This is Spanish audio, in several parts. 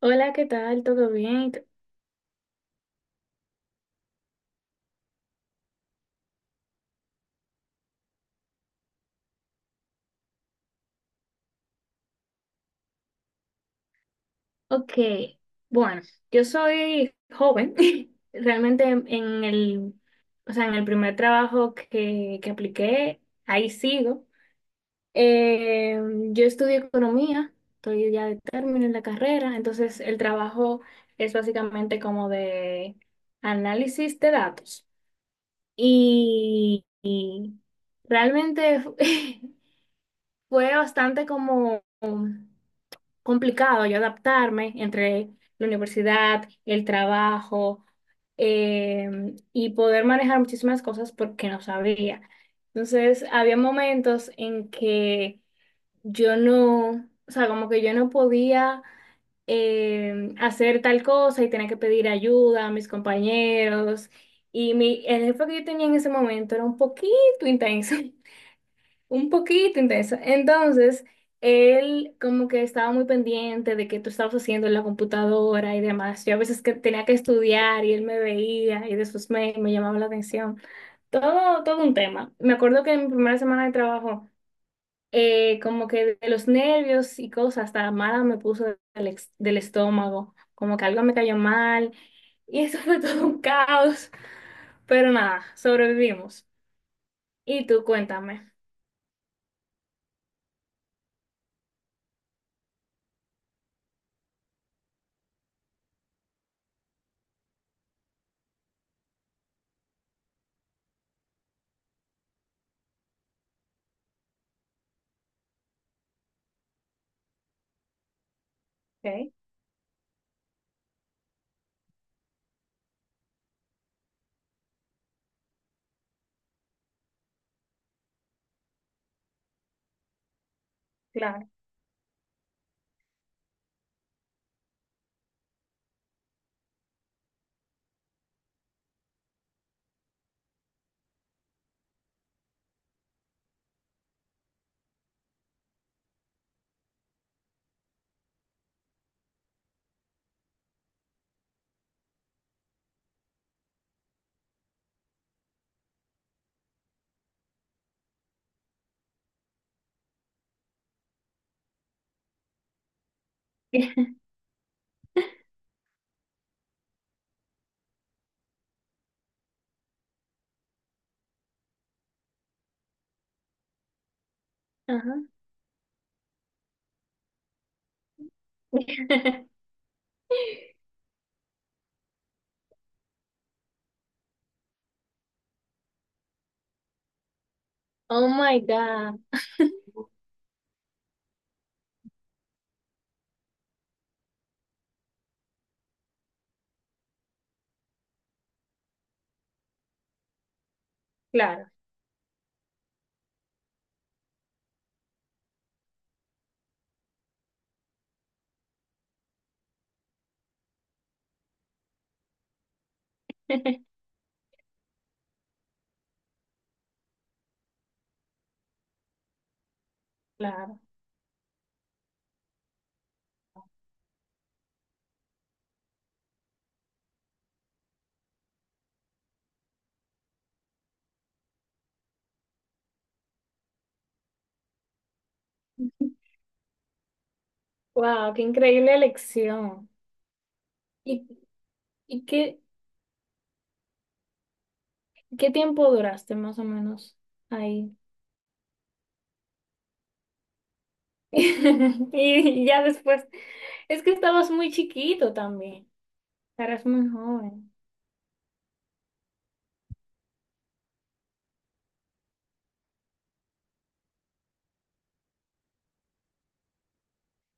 Hola, ¿qué tal? ¿Todo bien? Ok, bueno, yo soy joven. Realmente o sea, en el primer trabajo que apliqué, ahí sigo. Eh, yo estudio economía, estoy ya de término en la carrera, entonces el trabajo es básicamente como de análisis de datos. Y realmente fue bastante como complicado yo adaptarme entre la universidad, el trabajo y poder manejar muchísimas cosas porque no sabía. Entonces, había momentos en que yo no, o sea, como que yo no podía hacer tal cosa y tenía que pedir ayuda a mis compañeros. Y mi, el jefe que yo tenía en ese momento era un poquito intenso. Un poquito intenso. Entonces, él como que estaba muy pendiente de que tú estabas haciendo en la computadora y demás. Yo a veces que tenía que estudiar y él me veía y de sus mails me llamaba la atención. Todo, todo un tema. Me acuerdo que en mi primera semana de trabajo, como que de los nervios y cosas, hasta mala me puso del estómago, como que algo me cayó mal y eso fue todo un caos. Pero nada, sobrevivimos. Y tú cuéntame. Ok, claro. Ajá. Oh my God, claro, claro. Wow, qué increíble elección. ¿Y, y qué, qué tiempo duraste más o menos ahí? Y ya después, es que estabas muy chiquito también, eras muy joven.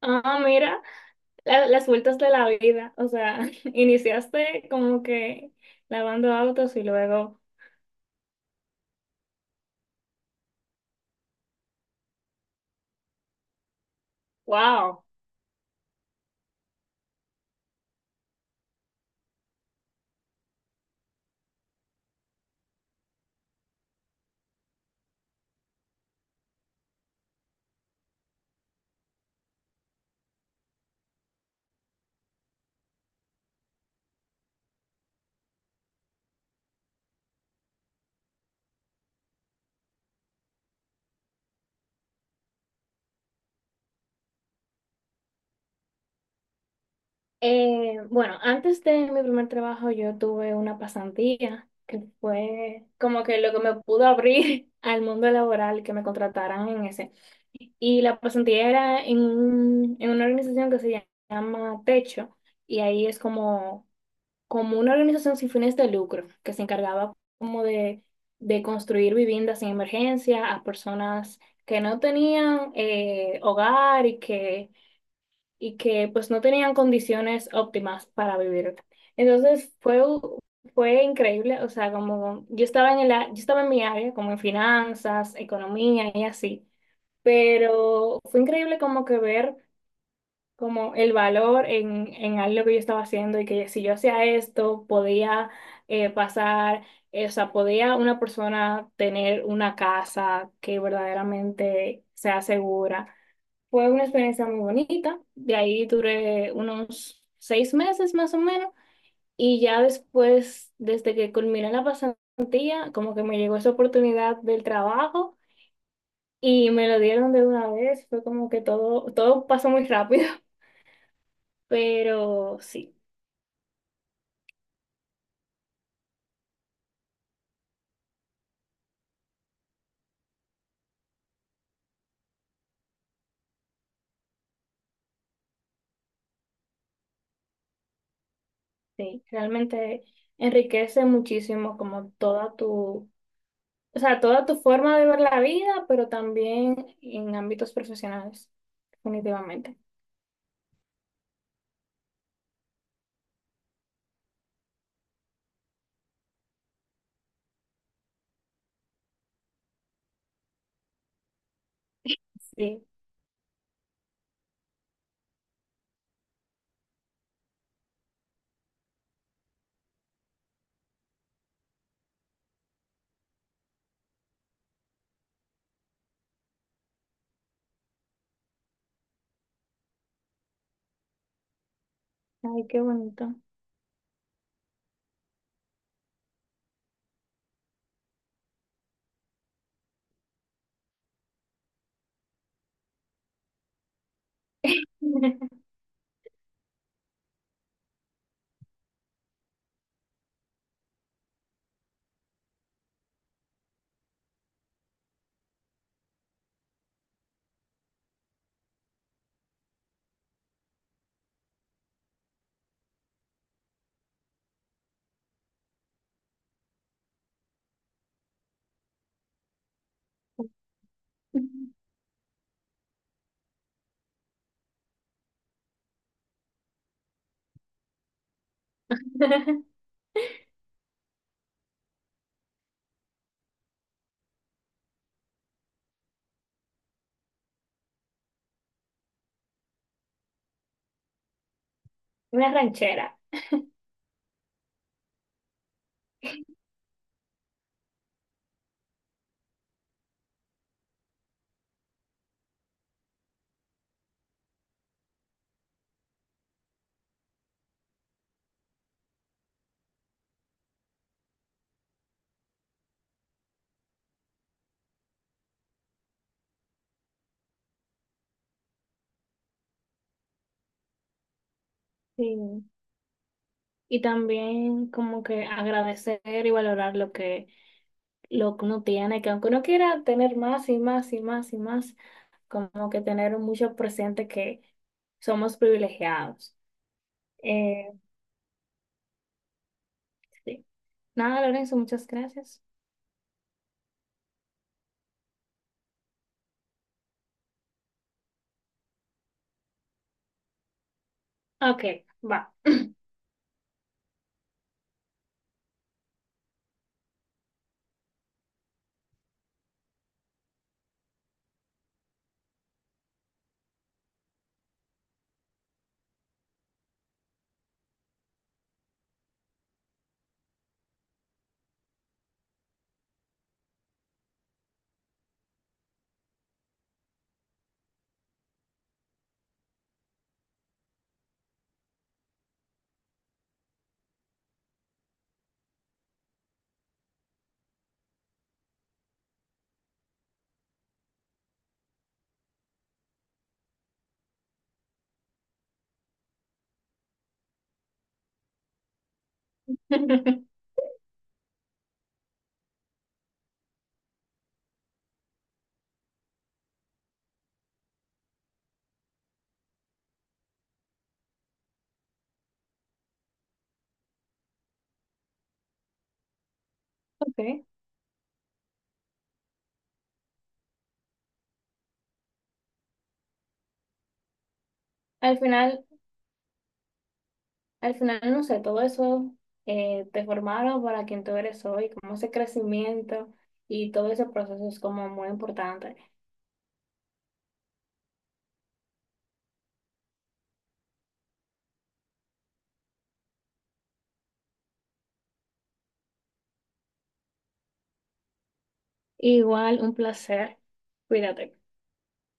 Ah, mira, las vueltas de la vida, o sea, iniciaste como que lavando autos y luego, wow. Bueno, antes de mi primer trabajo yo tuve una pasantía que fue como que lo que me pudo abrir al mundo laboral, que me contrataran en ese. Y la pasantía era en una organización que se llama Techo, y ahí es como, como una organización sin fines de lucro, que se encargaba como de construir viviendas en emergencia a personas que no tenían hogar y que pues no tenían condiciones óptimas para vivir. Entonces fue increíble, o sea, como yo estaba en yo estaba en mi área, como en finanzas, economía y así, pero fue increíble como que ver como el valor en algo que yo estaba haciendo y que si yo hacía esto, podía pasar, o sea, podía una persona tener una casa que verdaderamente sea segura. Fue una experiencia muy bonita. De ahí duré unos 6 meses más o menos. Y ya después, desde que culminé la pasantía, como que me llegó esa oportunidad del trabajo y me lo dieron de una vez. Fue como que todo, todo pasó muy rápido. Pero sí, sí, realmente enriquece muchísimo como toda tu, o sea, toda tu forma de ver la vida, pero también en ámbitos profesionales, definitivamente. Sí. Ay, qué bonito. Una ranchera. Sí, y también como que agradecer y valorar lo que uno tiene, que aunque uno quiera tener más y más y más y más, como que tener mucho presente que somos privilegiados. Eh, sí. Nada, Lorenzo, muchas gracias. Ok, va. Ok. Al final. Al final, no sé, todo eso te formaron para quien tú eres hoy, como ese crecimiento y todo ese proceso es como muy importante. Igual, un placer. Cuídate.